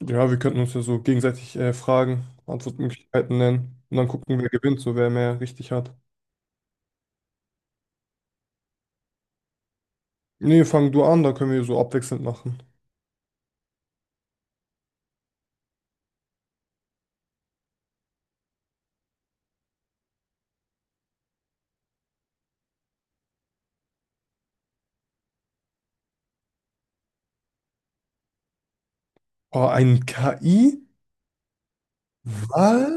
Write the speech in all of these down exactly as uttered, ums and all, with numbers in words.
Ja, wir könnten uns ja so gegenseitig äh, Fragen, Antwortmöglichkeiten nennen und dann gucken, wer gewinnt, so wer mehr richtig hat. Nee, fang du an, da können wir so abwechselnd machen. Oh, ein K I-Wahl?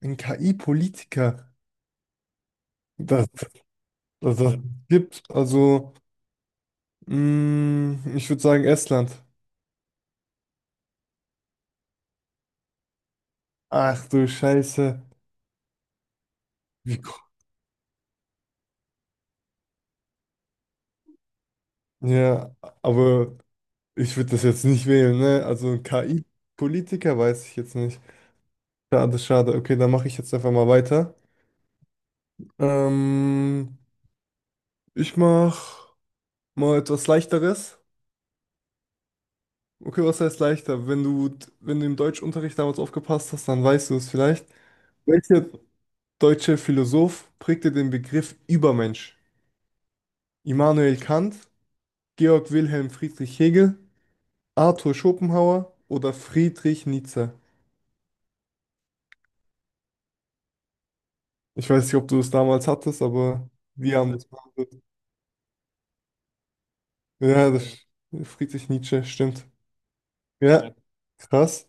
Ein K I-Politiker? Das, das, das gibt, also, mh, ich würde sagen Estland. Ach du Scheiße. Wie, ko- ja, aber ich würde das jetzt nicht wählen, ne? Also ein K I-Politiker weiß ich jetzt nicht. Schade, schade. Okay, dann mache ich jetzt einfach mal weiter. Ähm, Ich mach mal etwas Leichteres. Okay, was heißt leichter? Wenn du, wenn du im Deutschunterricht damals aufgepasst hast, dann weißt du es vielleicht. Welcher deutsche Philosoph prägte den Begriff Übermensch? Immanuel Kant, Georg Wilhelm Friedrich Hegel, Arthur Schopenhauer oder Friedrich Nietzsche? Ich weiß nicht, ob du es damals hattest, aber wir haben das behandelt. Ja, ja, das Friedrich Nietzsche, stimmt. Ja, ja, krass.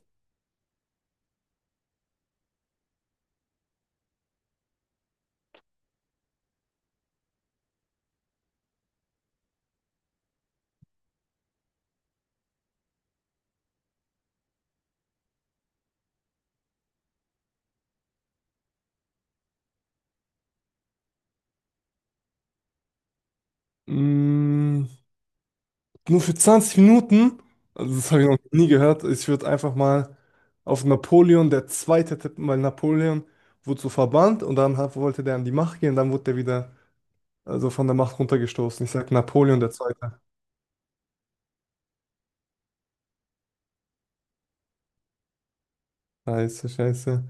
Mm, Nur für zwanzig Minuten? Also das habe ich noch nie gehört. Ich würde einfach mal auf Napoleon der Zweite tippen, weil Napoleon wurde so verbannt und dann hat, wollte der an die Macht gehen, dann wurde der wieder, also von der Macht runtergestoßen. Ich sag Napoleon der Zweite. Scheiße, scheiße.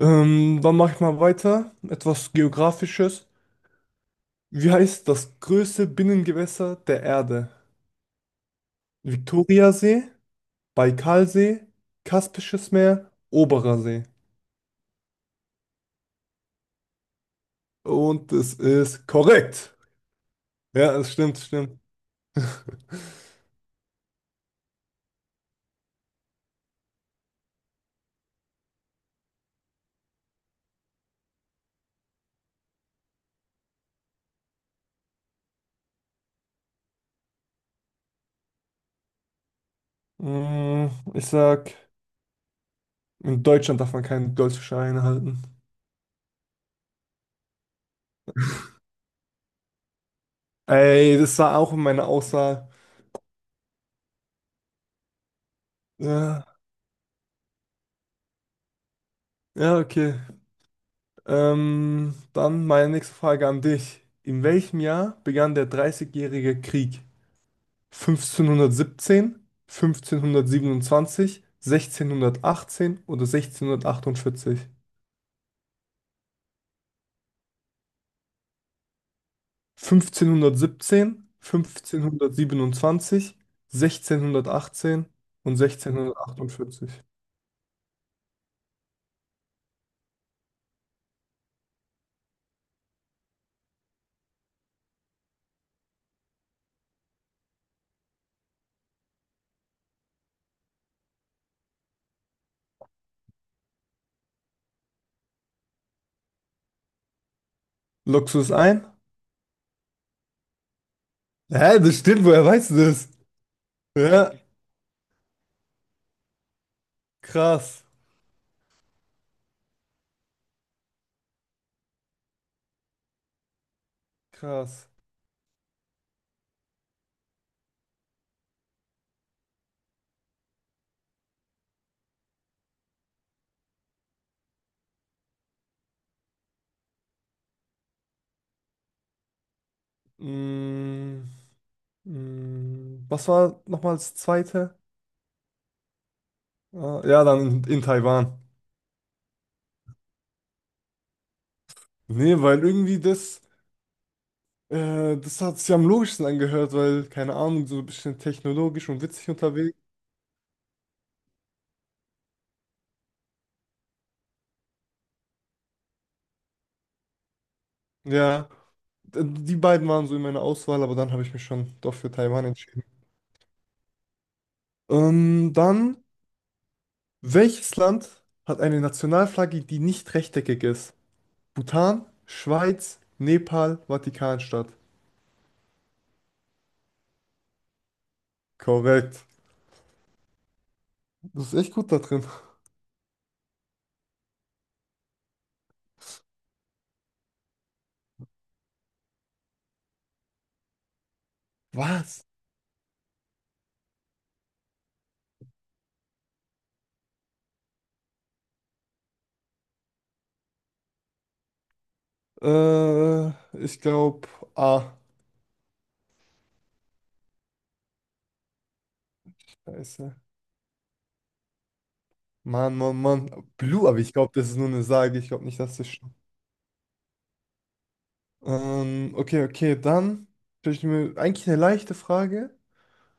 Ähm, dann mache ich mal weiter. Etwas Geografisches. Wie heißt das größte Binnengewässer der Erde? Viktoriasee, Baikalsee, Kaspisches Meer, Oberer See. Und es ist korrekt. Ja, das stimmt, stimmt. Mm, Ich sag, in Deutschland darf man keinen Golfschein halten. Ey, das war auch in meiner Aussage. Ja, ja, okay. Ähm, dann meine nächste Frage an dich. In welchem Jahr begann der Dreißigjährige Krieg? fünfzehnhundertsiebzehn, fünfzehnhundertsiebenundzwanzig, sechzehnhundertachtzehn oder sechzehnhundertachtundvierzig? fünfzehnhundertsiebzehn, fünfzehnhundertsiebenundzwanzig, sechzehnhundertachtzehn und sechzehnhundertachtundvierzig. Loggst du es ein? Hä, das stimmt, woher weißt du das? Ja, krass, krass. Mm, mm, was war nochmal das zweite? Ah, ja, dann in, in Taiwan. Nee, weil irgendwie das, äh, das hat sich am logischsten angehört, weil, keine Ahnung, so ein bisschen technologisch und witzig unterwegs. Ja, d- die beiden waren so in meiner Auswahl, aber dann habe ich mich schon doch für Taiwan entschieden. Ähm, dann, welches Land hat eine Nationalflagge, die nicht rechteckig ist? Bhutan, Schweiz, Nepal, Vatikanstadt. Korrekt. Du bist echt gut da drin. Was? Äh, ich glaube, A. Scheiße. Mann, Mann, Mann. Blue, aber ich glaube, das ist nur eine Sage. Ich glaube nicht, dass das stimmt. Ähm, okay, okay, dann stelle ich mir eigentlich eine leichte Frage,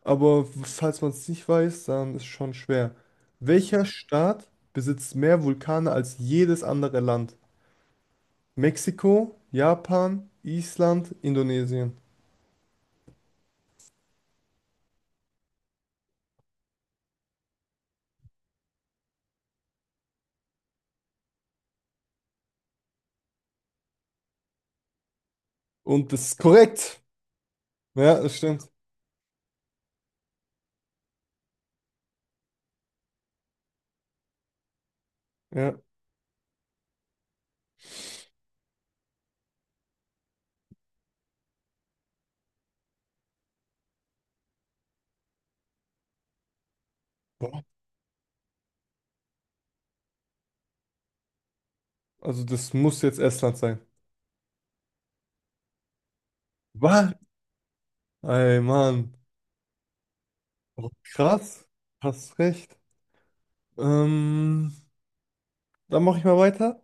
aber falls man es nicht weiß, dann ist es schon schwer. Welcher Staat besitzt mehr Vulkane als jedes andere Land? Mexiko, Japan, Island, Indonesien. Und das ist korrekt. Ja, das stimmt. Ja. Boah. Also das muss jetzt Estland sein. Was? Ey, Mann. Oh, krass. Hast recht. Ähm, dann mache ich mal weiter.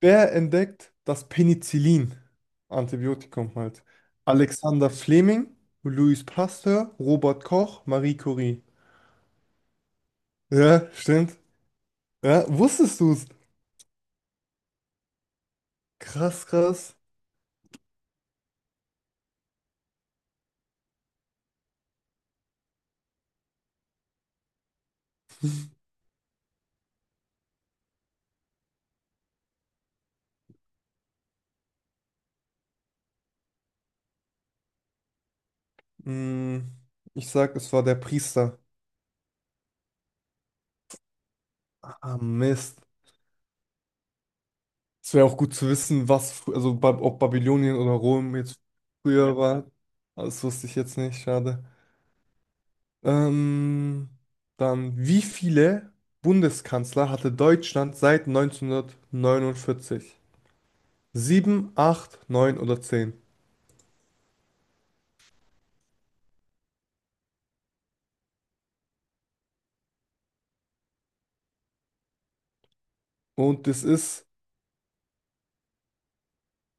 Wer entdeckt das Penicillin? Antibiotikum halt. Alexander Fleming, Louis Pasteur, Robert Koch, Marie Curie. Ja, stimmt. Ja, wusstest du es? Krass, krass. Hm, ich sag, es war der Priester. Ah, Mist. Es wäre auch gut zu wissen, was, fr- also ba ob Babylonien oder Rom jetzt früher war. Aber das wusste ich jetzt nicht, schade. Ähm, dann, wie viele Bundeskanzler hatte Deutschland seit neunzehnhundertneunundvierzig? Sieben, acht, neun oder zehn? Und das ist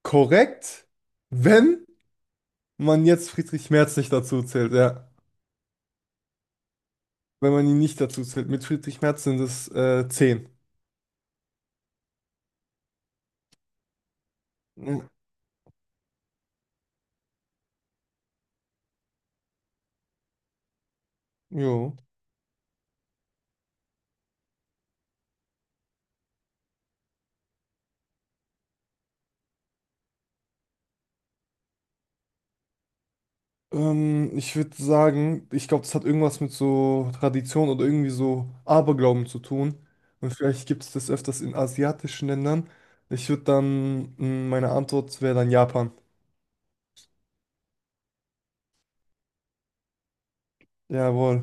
korrekt, wenn man jetzt Friedrich Merz nicht dazu zählt, ja. Wenn man ihn nicht dazu zählt. Mit Friedrich Merz sind es äh, zehn. Mhm. Jo. Ähm, ich würde sagen, ich glaube, das hat irgendwas mit so Tradition oder irgendwie so Aberglauben zu tun. Und vielleicht gibt es das öfters in asiatischen Ländern. Ich würde dann, mh, meine Antwort wäre dann Japan. Jawohl.